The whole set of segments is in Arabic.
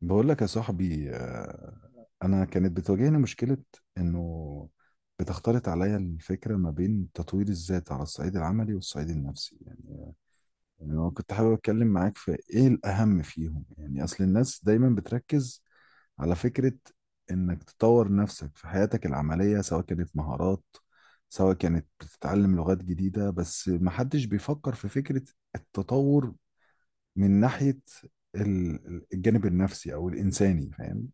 بقول لك يا صاحبي آه، انا كانت بتواجهني مشكله انه بتختلط عليا الفكره ما بين تطوير الذات على الصعيد العملي والصعيد النفسي يعني يعني انا كنت حابب اتكلم معاك في ايه الاهم فيهم يعني اصل الناس دايما بتركز على فكره انك تطور نفسك في حياتك العمليه سواء كانت مهارات سواء كانت بتتعلم لغات جديده بس محدش بيفكر في فكره التطور من ناحية الجانب النفسي أو الإنساني فاهم؟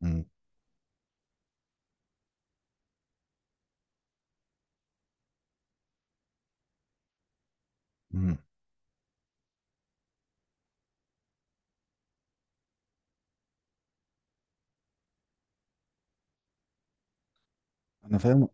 مم. مم. أنا فاهم.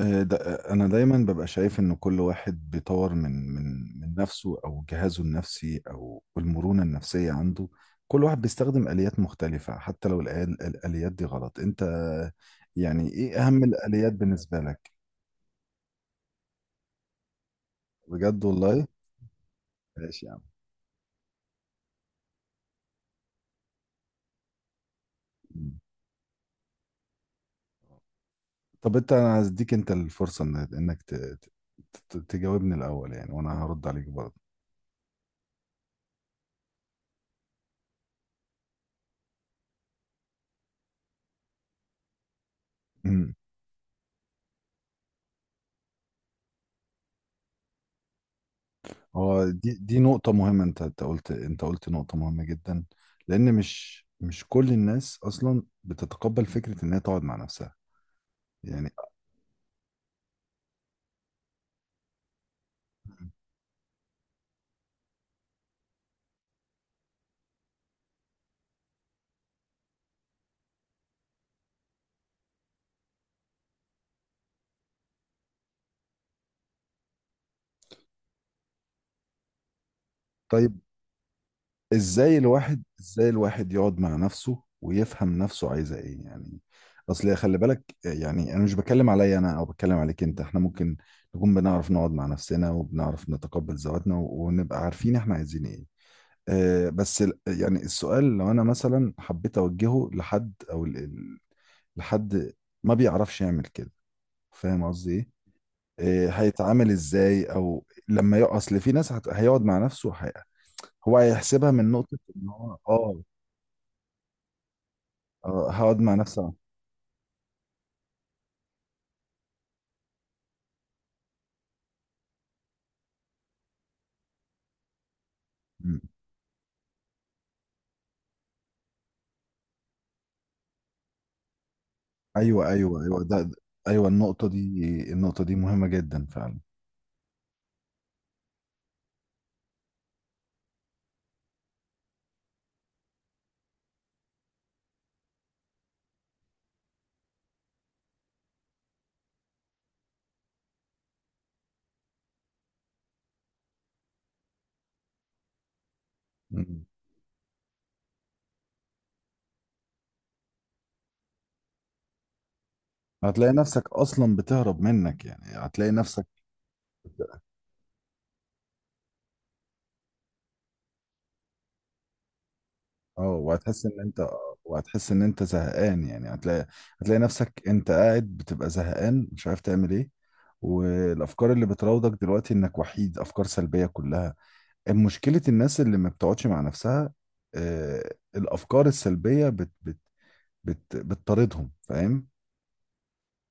آه، أنا دايما ببقى شايف إن كل واحد بيطور من نفسه أو جهازه النفسي أو المرونة النفسية عنده. كل واحد بيستخدم آليات مختلفة حتى لو الآليات دي غلط. أنت يعني إيه أهم الآليات بالنسبة لك؟ بجد والله؟ ماشي يا عم. مم. طب أنت، أنا هديك أنت الفرصة إن- إنك ت- ت- ت- تجاوبني الأول يعني، وأنا هرد عليك برضه. مم. هو دي نقطة مهمة. انت قلت نقطة مهمة جدا. لأن مش كل الناس أصلا بتتقبل فكرة إن هي تقعد مع نفسها يعني. طيب، ازاي الواحد يقعد مع نفسه ويفهم نفسه عايزة ايه يعني؟ اصل خلي بالك، يعني انا مش بتكلم عليا انا او بتكلم عليك انت، احنا ممكن نكون بنعرف نقعد مع نفسنا وبنعرف نتقبل ذواتنا ونبقى عارفين احنا عايزين ايه. آه، بس يعني السؤال لو انا مثلا حبيت اوجهه لحد او لحد ما بيعرفش يعمل كده، فاهم قصدي ايه؟ آه، هيتعامل ازاي او لما يقع؟ اصل في ناس هيقعد مع نفسه هو هيحسبها من نقطة ان هو اه، آه، هقعد مع نفسي أعمل. مم. ايوه ايوه النقطة دي، النقطة دي مهمة جدا فعلا. مم. هتلاقي نفسك اصلا بتهرب منك، يعني هتلاقي نفسك. اه وهتحس ان انت آه، وهتحس ان انت زهقان، يعني هتلاقي، هتلاقي نفسك انت قاعد بتبقى زهقان مش عارف تعمل ايه. والافكار اللي بتراودك دلوقتي انك وحيد افكار سلبية كلها. مشكلة الناس اللي ما بتقعدش مع نفسها آه، الافكار السلبية بت بت بت بتطاردهم، فاهم؟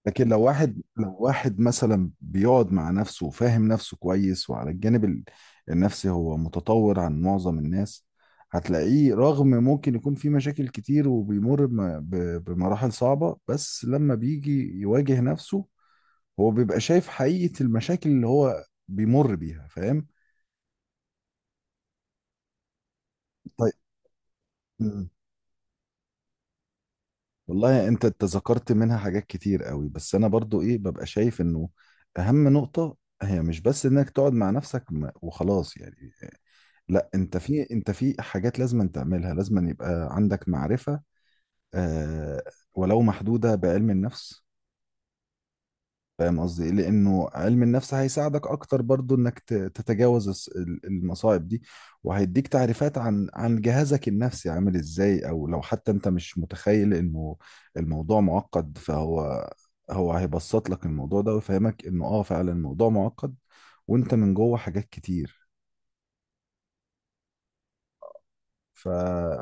لكن لو واحد، لو واحد مثلا بيقعد مع نفسه وفاهم نفسه كويس، وعلى الجانب النفسي هو متطور عن معظم الناس، هتلاقيه رغم ممكن يكون في مشاكل كتير وبيمر بمراحل صعبة، بس لما بيجي يواجه نفسه هو بيبقى شايف حقيقة المشاكل اللي هو بيمر بيها، فاهم؟ طيب. مم. والله انت تذكرت منها حاجات كتير قوي، بس انا برضو ايه ببقى شايف انه اهم نقطة هي مش بس انك تقعد مع نفسك وخلاص يعني. لا، انت في، انت في حاجات لازم أن تعملها، لازم أن يبقى عندك معرفة آه ولو محدودة بعلم النفس. فاهم قصدي إيه؟ لانه علم النفس هيساعدك اكتر برضو انك تتجاوز المصاعب دي، وهيديك تعريفات عن عن جهازك النفسي عامل ازاي. او لو حتى انت مش متخيل انه الموضوع معقد، فهو، هو هيبسط لك الموضوع ده ويفهمك انه اه فعلا الموضوع معقد، وانت من جوه حاجات كتير. ف...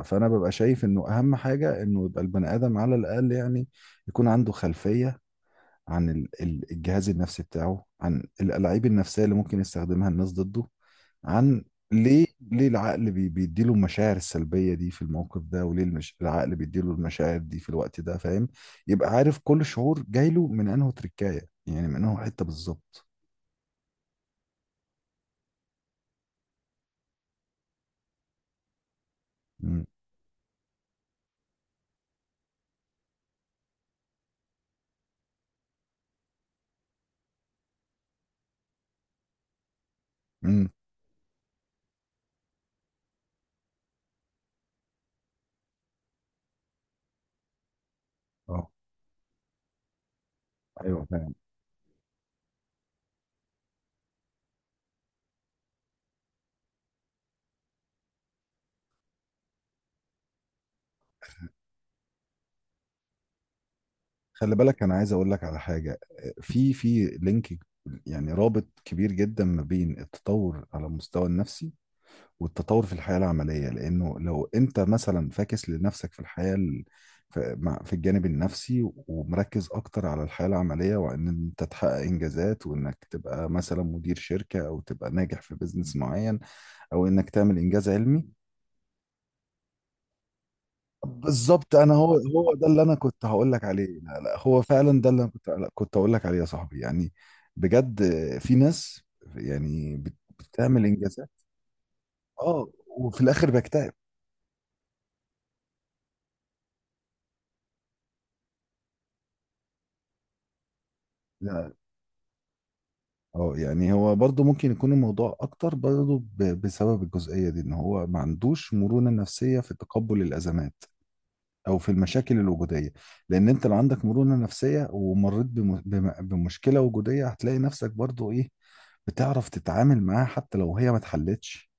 فانا ببقى شايف انه اهم حاجه انه يبقى البني ادم على الاقل يعني يكون عنده خلفيه عن الجهاز النفسي بتاعه، عن الالاعيب النفسيه اللي ممكن يستخدمها الناس ضده، عن ليه، ليه العقل بيديله المشاعر السلبيه دي في الموقف ده، وليه العقل بيديله المشاعر دي في الوقت ده، فاهم؟ يبقى عارف كل شعور جاي له من انه تركايه يعني، من انه حته بالظبط. امم. امم. اه، ايوه فاهم. خلي بالك، انا عايز اقول لك على حاجه. في في لينك يعني رابط كبير جدا ما بين التطور على المستوى النفسي والتطور في الحياه العمليه، لانه لو انت مثلا فاكس لنفسك في في في الجانب النفسي ومركز اكتر على الحياه العمليه، وان انت تحقق انجازات، وانك تبقى مثلا مدير شركه او تبقى ناجح في بيزنس معين، او انك تعمل انجاز علمي. بالظبط، انا هو ده اللي انا كنت هقول لك عليه. لا لا، هو فعلا ده اللي انا كنت هقول لك عليه يا صاحبي يعني. بجد. في ناس يعني بتعمل انجازات اه، وفي الاخر بكتئب. لا، اه يعني هو برضو ممكن يكون الموضوع اكتر برضو بسبب الجزئية دي، ان هو ما عندوش مرونة نفسية في تقبل الازمات او في المشاكل الوجودية. لان انت لو عندك مرونة نفسية ومريت بمشكلة وجودية، هتلاقي نفسك برضو ايه، بتعرف تتعامل معاها حتى لو هي ما اتحلتش،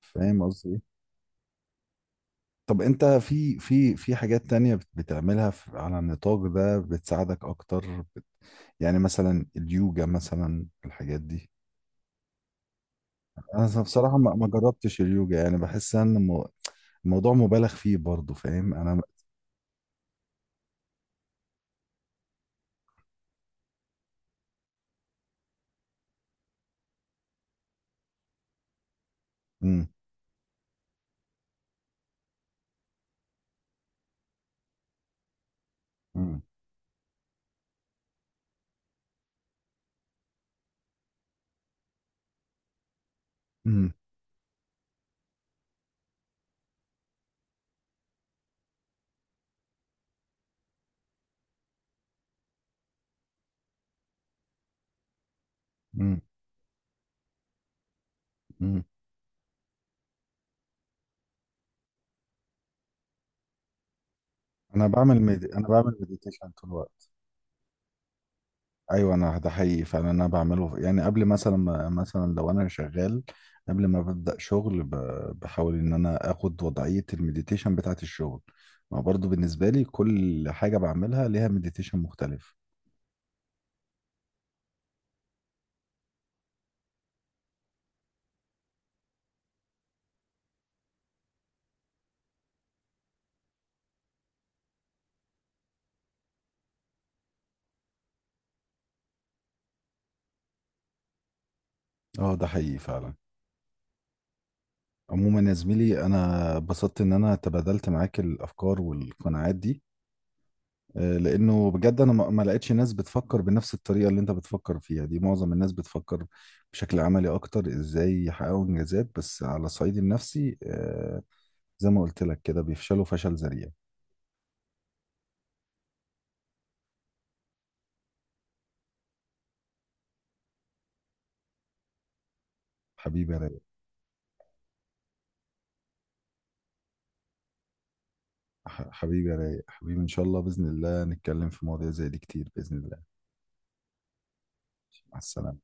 فاهم قصدي ايه؟ طب انت في في حاجات تانية بتعملها على النطاق ده بتساعدك اكتر يعني مثلا اليوجا مثلا، الحاجات دي. انا بصراحة ما جربتش اليوجا، يعني بحس ان الموضوع مبالغ فيه برضو، فاهم انا؟ امم. امم. امم. امم. انا انا بعمل مديتيشن طول الوقت. ايوه انا، ده حقيقي فعلا انا بعمله يعني قبل مثلا ما، مثلا لو انا شغال قبل ما ببدأ شغل بحاول ان انا اخد وضعية المديتيشن بتاعت الشغل. ما برضو بالنسبة لي كل حاجة بعملها ليها مديتيشن مختلف. اه ده حقيقي فعلا. عموما يا زميلي، انا اتبسطت ان انا تبادلت معاك الافكار والقناعات دي، آه، لانه بجد انا ما لقيتش ناس بتفكر بنفس الطريقه اللي انت بتفكر فيها دي. معظم الناس بتفكر بشكل عملي اكتر، ازاي يحققوا انجازات، بس على الصعيد النفسي آه، زي ما قلت لك كده بيفشلوا فشل ذريع. حبيبي يا رايق. حبيبي يا رايق، حبيبي ان شاء الله باذن الله نتكلم في مواضيع زي دي كتير باذن الله. مع السلامه.